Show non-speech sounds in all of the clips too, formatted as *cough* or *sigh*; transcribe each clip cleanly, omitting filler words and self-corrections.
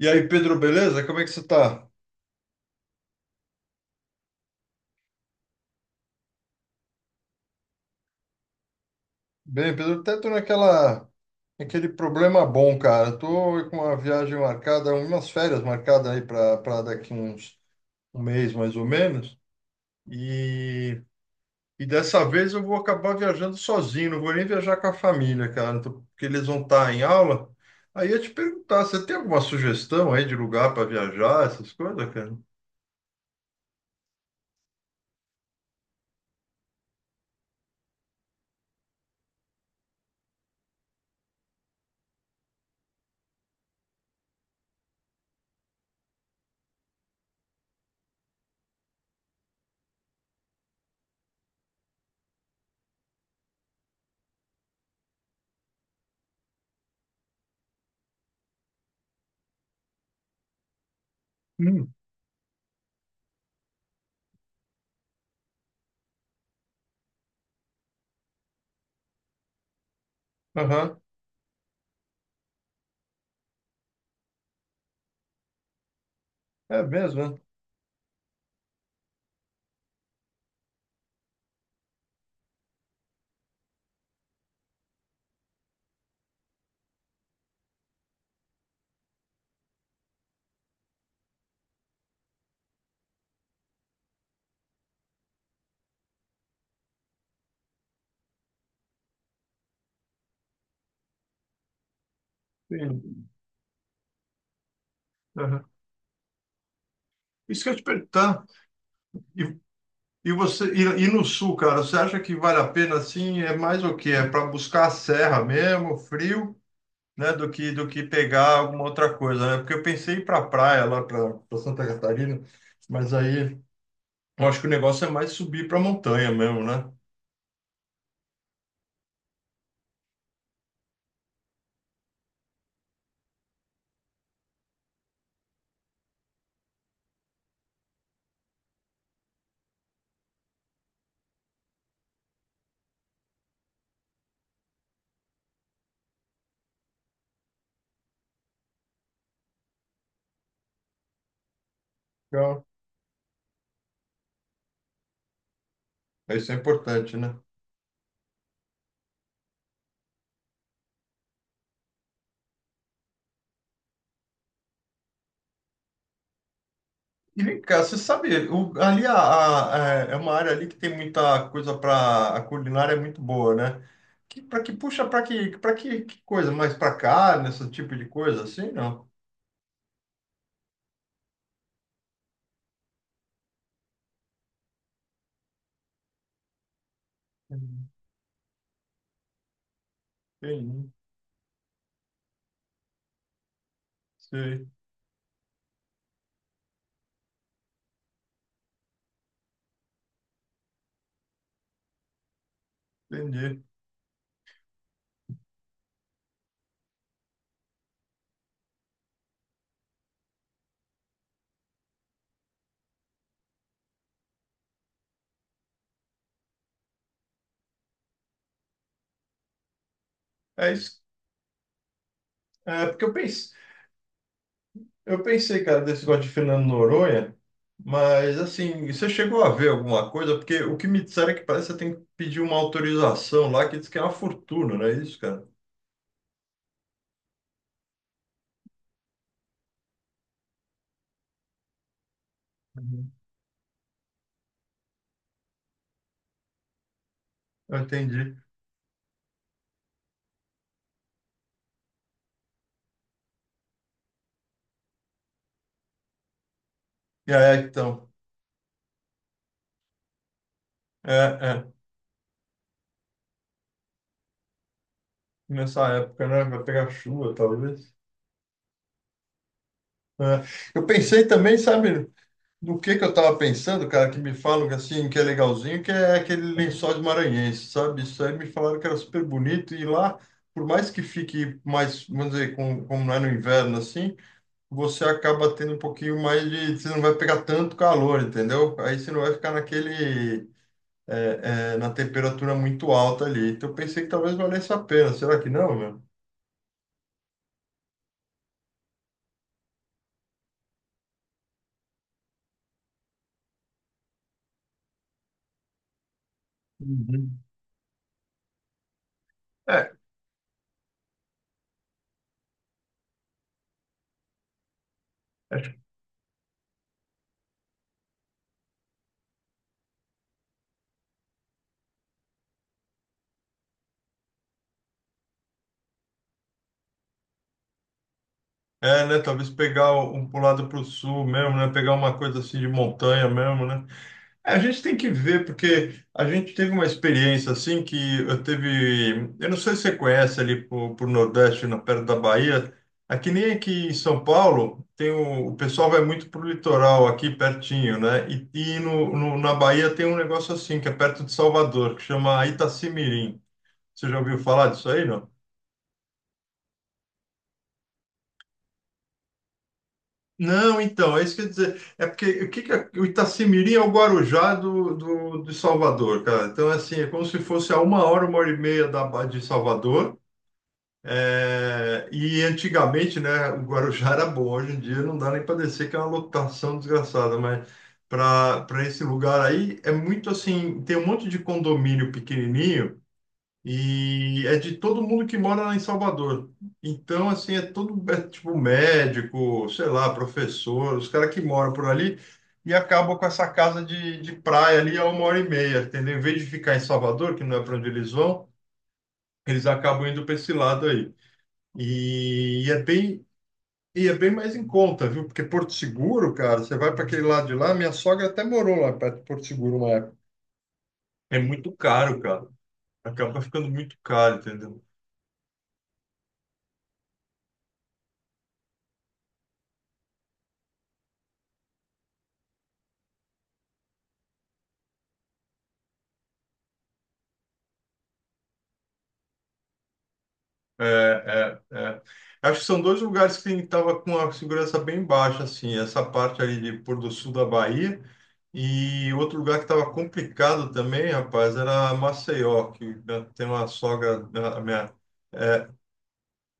E aí, Pedro, beleza? Como é que você tá? Bem, Pedro, até tô naquele problema bom, cara. Tô com uma viagem marcada, umas férias marcadas aí para daqui uns um mês mais ou menos. E, e dessa vez eu vou acabar viajando sozinho, não vou nem viajar com a família, cara, porque eles vão estar em aula. Aí eu ia te perguntar, você tem alguma sugestão aí de lugar para viajar, essas coisas, cara? Hum. Aham. É mesmo, né? Sim. Aham. Isso que eu ia te perguntar. E E você e, e no sul, cara, você acha que vale a pena assim? É mais o quê? É para buscar a serra mesmo, frio, né? Do que pegar alguma outra coisa, né? Porque eu pensei em ir para praia lá para Santa Catarina, mas aí eu acho que o negócio é mais subir para montanha mesmo, né? Então, isso é importante, né? E, cara, você sabe, ali é uma área ali que tem muita coisa para a culinária é muito boa, né? Que puxa que coisa mais para carne, esse tipo de coisa assim, não? Entendi, sei, entendi. É isso. É, porque eu pensei, cara, desse negócio de Fernando Noronha, mas assim, você chegou a ver alguma coisa? Porque o que me disseram é que parece que você tem que pedir uma autorização lá, que diz que é uma fortuna, não é isso, cara? Uhum. Eu entendi. E aí, então, é, é, nessa época, né? Vai pegar chuva, talvez. É. Eu pensei também, sabe? Do que eu tava pensando, cara, que me falam que assim, que é legalzinho, que é aquele lençóis maranhenses, sabe? Isso aí me falaram que era super bonito e lá, por mais que fique mais, vamos dizer, como não é no inverno assim, você acaba tendo um pouquinho mais de, você não vai pegar tanto calor, entendeu? Aí você não vai ficar naquele, é, é, na temperatura muito alta ali. Então eu pensei que talvez valesse a pena. Será que não, meu? Uhum. É, acho que é, né? Talvez pegar um pro lado pro sul mesmo, né? Pegar uma coisa assim de montanha mesmo, né? É, a gente tem que ver, porque a gente teve uma experiência assim que eu teve. Eu não sei se você conhece ali pro Nordeste, na perto da Bahia. Aqui nem aqui em São Paulo, tem o pessoal vai muito pro litoral aqui pertinho, né? E na Bahia tem um negócio assim, que é perto de Salvador, que chama Itacimirim. Você já ouviu falar disso aí, não? Não, então, é isso que eu ia dizer. É porque o que que o Itacimirim é o Guarujá de Salvador, cara. Então, assim, é como se fosse a uma hora e meia de Salvador. É, e antigamente, né, o Guarujá era bom. Hoje em dia não dá nem para descer, que é uma lotação desgraçada. Mas para esse lugar aí, é muito assim: tem um monte de condomínio pequenininho. E é de todo mundo que mora lá em Salvador. Então, assim, é todo, é, tipo, médico, sei lá, professor, os caras que moram por ali e acabam com essa casa de praia ali a uma hora e meia, entendeu? Em vez de ficar em Salvador, que não é para onde eles vão, eles acabam indo para esse lado aí. E, e é bem, e é bem mais em conta, viu? Porque Porto Seguro, cara, você vai para aquele lado de lá, minha sogra até morou lá perto de Porto Seguro uma época. É muito caro, cara. Acaba ficando muito caro, entendeu? É, é, é. Acho que são dois lugares que estava com a segurança bem baixa, assim, essa parte ali de pôr do sul da Bahia e outro lugar que estava complicado também, rapaz, era Maceió, que né, tem uma sogra, né, a minha, é,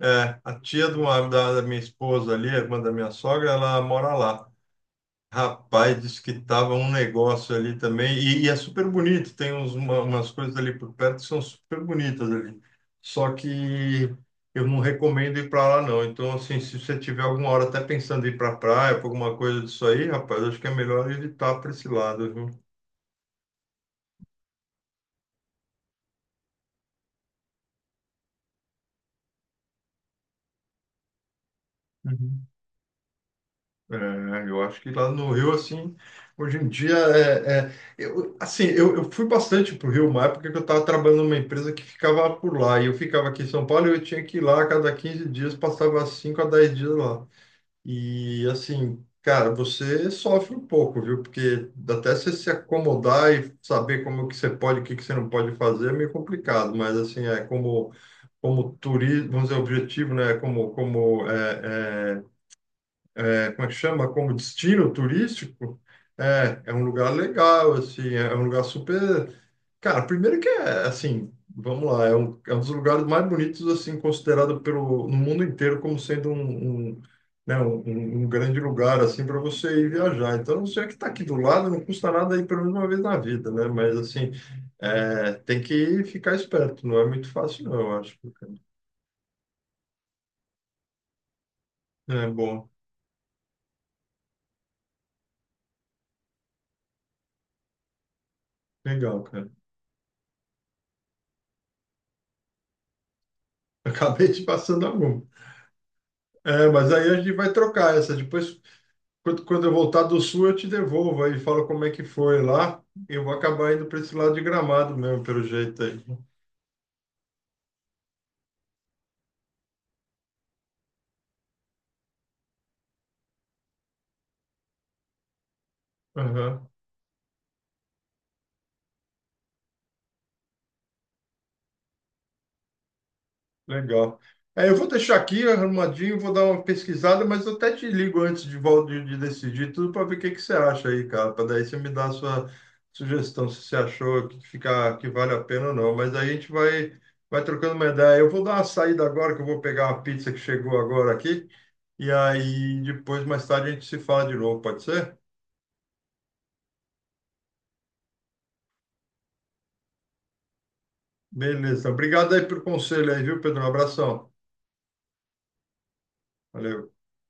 é, a tia da minha esposa ali, a irmã da minha sogra, ela mora lá. Rapaz, disse que tava um negócio ali também, e é super bonito, tem uns, umas coisas ali por perto que são super bonitas ali. Só que eu não recomendo ir para lá, não. Então, assim, se você tiver alguma hora até pensando em ir para praia, para alguma coisa disso aí, rapaz, acho que é melhor evitar para esse lado, viu? É, eu acho que lá no Rio, assim, hoje em dia, eu, assim, eu fui bastante para o Rio uma época que eu estava trabalhando numa empresa que ficava por lá, e eu ficava aqui em São Paulo e eu tinha que ir lá a cada 15 dias, passava 5 a 10 dias lá. E, assim, cara, você sofre um pouco, viu? Porque até você se acomodar e saber como é que você pode, o que que você não pode fazer é meio complicado, mas, assim, é como, como turismo, vamos dizer, objetivo, né? Como, como é, é, como é que chama, como destino turístico, é, é um lugar legal, assim, é um lugar super. Cara, primeiro que é, assim, vamos lá, é um dos lugares mais bonitos, assim, considerado pelo, no mundo inteiro como sendo um, né, um grande lugar, assim, para você ir viajar. Então, se é que está aqui do lado, não custa nada ir pelo menos uma vez na vida, né? Mas, assim, é, tem que ficar esperto, não é muito fácil, não, eu acho, cara. É bom, legal, cara. *laughs* Acabei te passando a mão. É, mas aí a gente vai trocar essa. Depois, quando eu voltar do sul, eu te devolvo aí, falo como é que foi lá. Eu vou acabar indo para esse lado de Gramado mesmo, pelo jeito aí. Aham. Legal. É, eu vou deixar aqui arrumadinho, vou dar uma pesquisada, mas eu até te ligo antes de, de decidir tudo para ver o que você acha aí, cara. Para daí você me dar a sua sugestão, se você achou que, fica, que vale a pena ou não. Mas aí a gente vai, vai trocando uma ideia. Eu vou dar uma saída agora, que eu vou pegar uma pizza que chegou agora aqui. E aí depois, mais tarde, a gente se fala de novo, pode ser? Beleza. Obrigado aí pelo conselho aí, viu, Pedro? Um abração. Valeu.